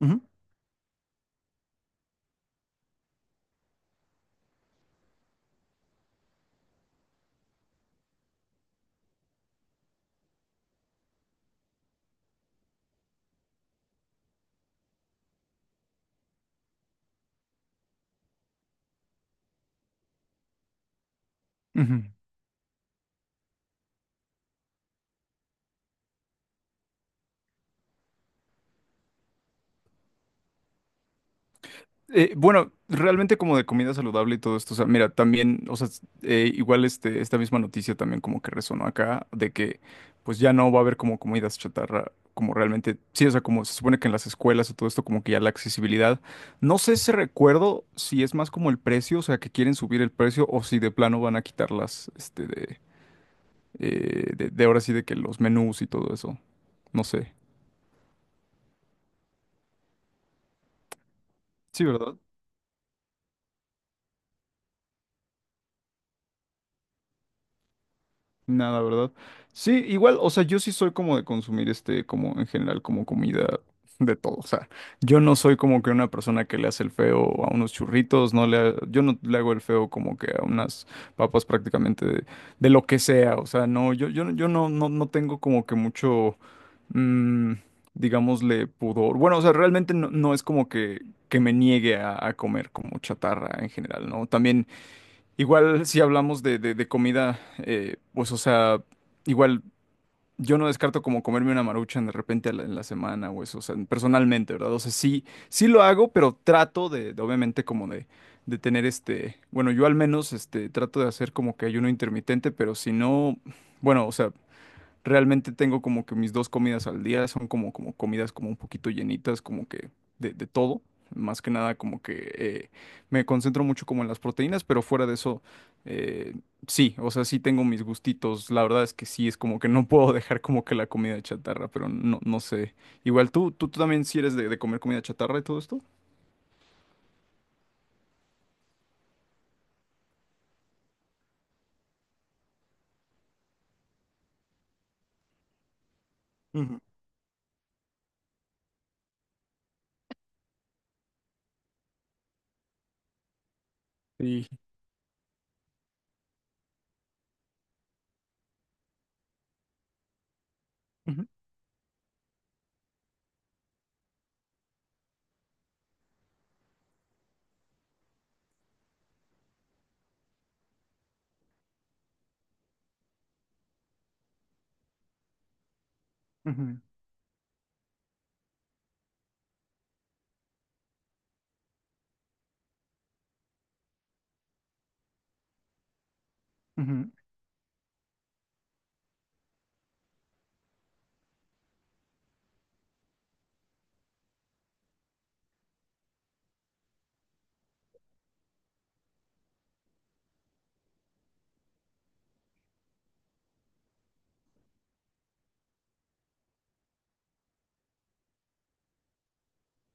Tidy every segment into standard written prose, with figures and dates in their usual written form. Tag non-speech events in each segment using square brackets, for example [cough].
Ujú, ujú. Bueno, realmente como de comida saludable y todo esto, o sea, mira, también, o sea, igual este, esta misma noticia también como que resonó acá, de que pues ya no va a haber como comidas chatarra, como realmente, sí, o sea, como se supone que en las escuelas y todo esto, como que ya la accesibilidad, no sé si recuerdo si es más como el precio, o sea, que quieren subir el precio o si de plano van a quitarlas, este, de ahora sí de que los menús y todo eso, no sé. Sí, ¿verdad? Nada, ¿verdad? Sí, igual, o sea, yo sí soy como de consumir este, como en general, como comida de todo. O sea, yo no soy como que una persona que le hace el feo a unos churritos, yo no le hago el feo como que a unas papas prácticamente de lo que sea. O sea, no, no- yo no tengo como que mucho, mm, digámosle, pudor. Bueno, o sea, realmente no es como que me niegue a comer como chatarra en general, ¿no? También. Igual si hablamos de comida, pues o sea, igual yo no descarto como comerme una maruchan de repente en la semana o eso, o sea, personalmente, ¿verdad? O sea, sí, sí lo hago, pero trato de, obviamente como de tener este, bueno, yo al menos este, trato de hacer como que ayuno intermitente, pero si no, bueno, o sea, realmente tengo como que mis dos comidas al día son como, como comidas como un poquito llenitas, como que de todo. Más que nada como que me concentro mucho como en las proteínas, pero fuera de eso, eh, sí, o sea, sí tengo mis gustitos. La verdad es que sí, es como que no [laughs] puedo dejar como que la comida chatarra, pero no, no sé. Igual tú también sí eres de comer comida chatarra y todo esto. Ujú. Sí. Ujú, ujú,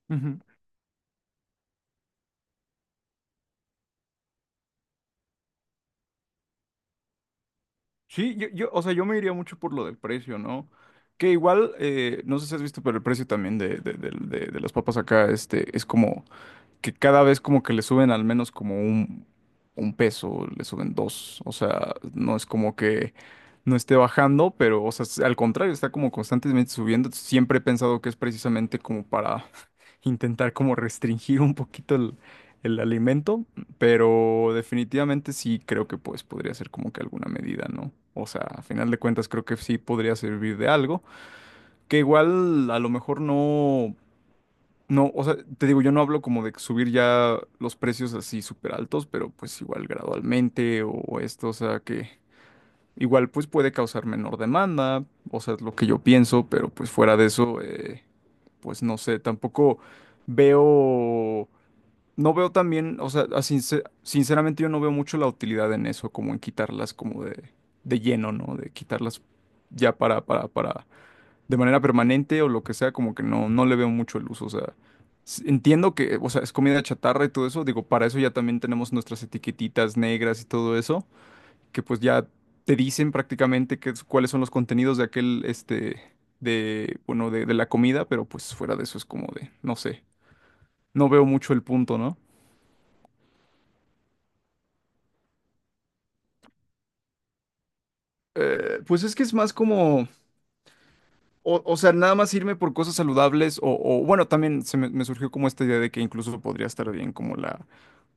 Ujú. Sí, o sea, yo me iría mucho por lo del precio, ¿no? Que igual, no sé si has visto, pero el precio también de las papas acá, este, es como que cada vez como que le suben al menos como un peso, le suben dos. O sea, no es como que no esté bajando, pero, o sea, al contrario, está como constantemente subiendo. Siempre he pensado que es precisamente como para [laughs] intentar como restringir un poquito el alimento, pero definitivamente sí creo que pues podría ser como que alguna medida, ¿no? O sea, a final de cuentas creo que sí podría servir de algo, que igual a lo mejor no. No, o sea, te digo, yo no hablo como de subir ya los precios así súper altos, pero pues igual gradualmente o esto, o sea, que igual pues puede causar menor demanda, o sea, es lo que yo pienso, pero pues fuera de eso, pues no sé, tampoco veo, no veo también, o sea, a sinceramente yo no veo mucho la utilidad en eso, como en quitarlas como de lleno, ¿no? De quitarlas ya para de manera permanente o lo que sea, como que no, no le veo mucho el uso. O sea, entiendo que, o sea, es comida chatarra y todo eso. Digo, para eso ya también tenemos nuestras etiquetitas negras y todo eso, que pues ya te dicen prácticamente cuáles son los contenidos de aquel, este, de, bueno, de la comida, pero pues fuera de eso es como de, no sé, no veo mucho el punto, ¿no? Pues es que es más como... O, o sea, nada más irme por cosas saludables o, bueno, también se me, me surgió como esta idea de que incluso podría estar bien como la,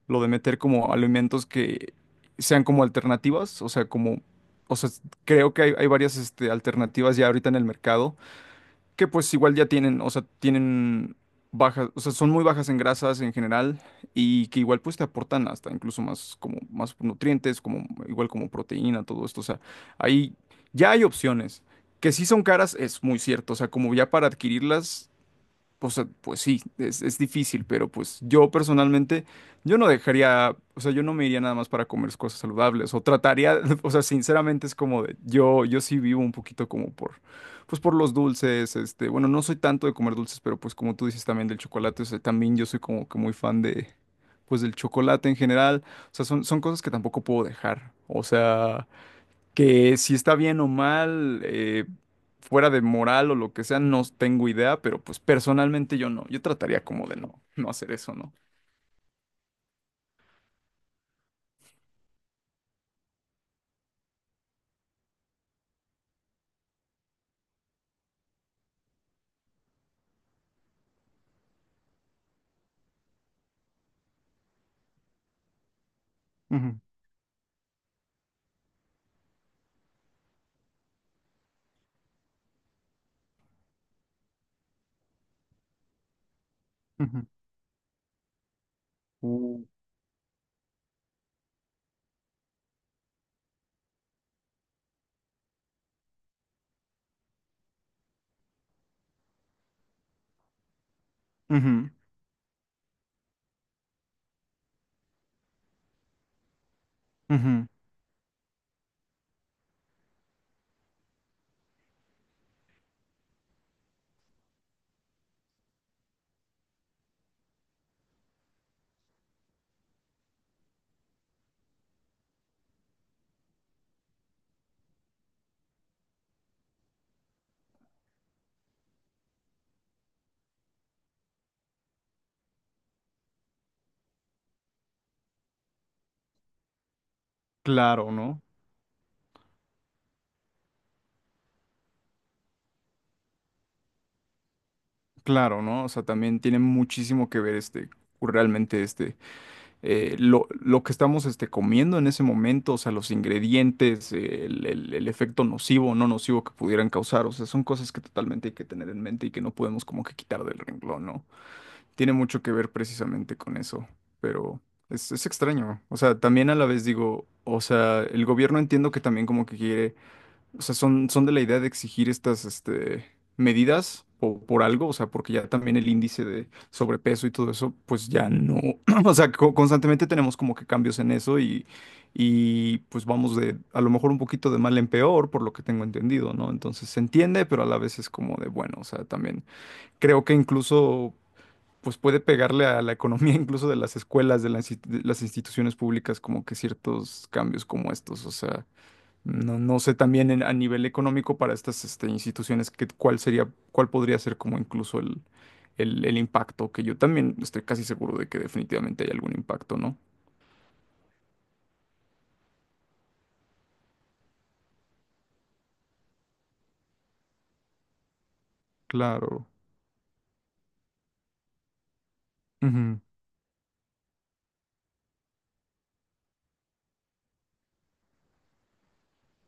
lo de meter como alimentos que sean como alternativas, o sea, como, o sea, creo que hay varias este, alternativas ya ahorita en el mercado, que pues igual ya tienen, o sea, tienen bajas, o sea, son muy bajas en grasas en general y que igual pues te aportan hasta incluso más como más nutrientes, como igual como proteína, todo esto, o sea, ahí ya hay opciones. Que sí son caras, es muy cierto, o sea, como ya para adquirirlas o sea, pues sí, es difícil, pero pues yo personalmente, yo no dejaría, o sea, yo no me iría nada más para comer cosas saludables, o trataría, [laughs] o sea, sinceramente es como de, yo sí vivo un poquito como por, pues por los dulces, este, bueno, no soy tanto de comer dulces, pero pues como tú dices también del chocolate, o sea, también yo soy como que muy fan de, pues del chocolate en general, o sea, son, son cosas que tampoco puedo dejar, o sea que si está bien o mal, fuera de moral o lo que sea, no tengo idea, pero pues personalmente yo no, yo trataría como de no, no hacer eso, ¿no? Ujú, ujú, Uh. Ujú, ujú. Claro, ¿no? Claro, ¿no? O sea, también tiene muchísimo que ver este, realmente este, lo que estamos este, comiendo en ese momento, o sea, los ingredientes, el, el efecto nocivo o no nocivo que pudieran causar, o sea, son cosas que totalmente hay que tener en mente y que no podemos como que quitar del renglón, ¿no? Tiene mucho que ver precisamente con eso, pero es extraño. O sea, también a la vez digo, o sea, el gobierno entiendo que también como que quiere, o sea, son, son de la idea de exigir estas, este, medidas por, algo, o sea, porque ya también el índice de sobrepeso y todo eso, pues ya no, [clears throat] o sea, constantemente tenemos como que cambios en eso y pues vamos de, a lo mejor un poquito de mal en peor, por lo que tengo entendido, ¿no? Entonces se entiende, pero a la vez es como de, bueno, o sea, también creo que incluso pues puede pegarle a la economía [laughs] incluso de las escuelas, de las, de las instituciones públicas, como que ciertos cambios como estos. O sea, no, no sé también a nivel económico para estas este, instituciones que, cuál sería, cuál podría ser como incluso el, el impacto, que yo también estoy casi seguro de que definitivamente hay algún impacto, ¿no? Claro. Ujú,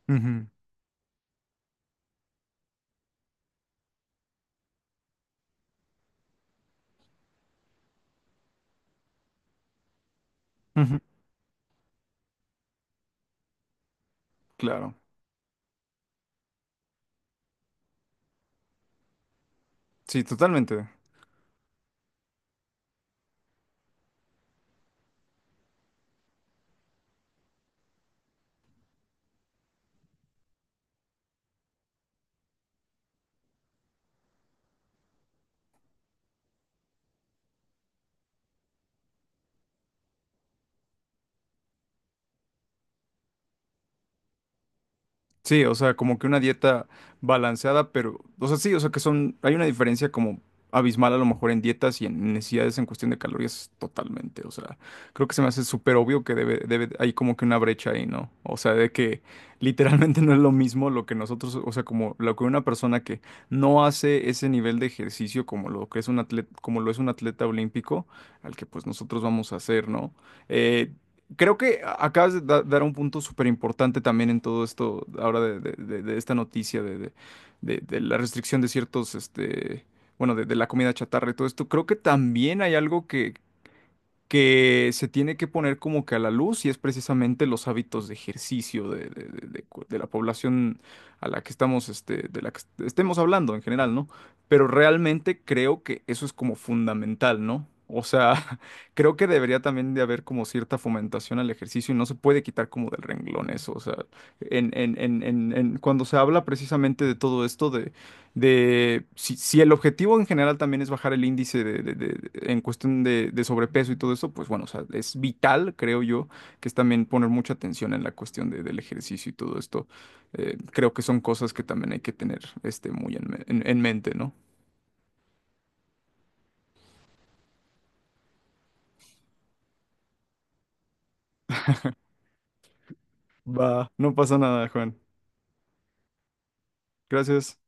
ujú, Ujú. Claro. Sí, totalmente. Sí, o sea, como que una dieta balanceada, pero, o sea, sí, o sea, que son, hay una diferencia como abismal a lo mejor en dietas y en necesidades en cuestión de calorías totalmente, o sea, creo que se me hace súper obvio que debe, hay como que una brecha ahí, ¿no? O sea, de que [laughs] literalmente no es lo mismo lo que nosotros, o sea, como lo que una persona que no hace ese nivel de ejercicio como lo que es un atleta, como lo es un atleta olímpico, al que pues nosotros vamos a hacer, ¿no? Eh, creo que acabas de dar un punto súper importante también en todo esto, ahora de, de esta noticia de, de la restricción de ciertos, este, bueno, de la comida chatarra y todo esto. Creo que también hay algo que se tiene que poner como que a la luz y es precisamente los hábitos de ejercicio de, de la población a la que estamos, este, de la que estemos hablando en general, ¿no? Pero realmente creo que eso es como fundamental, ¿no? O sea, [laughs] creo que debería también de haber como cierta fomentación al ejercicio y no se puede quitar como del renglón eso. O sea, cuando se habla precisamente de todo esto de si, si el objetivo en general también es bajar el índice de, en cuestión de sobrepeso y todo eso, pues bueno, o sea, es vital, creo yo, que es también poner mucha atención en la cuestión del ejercicio y todo esto. Creo que son cosas que también hay que tener este, muy en, en mente, ¿no? Va, no pasa nada, Juan. Gracias.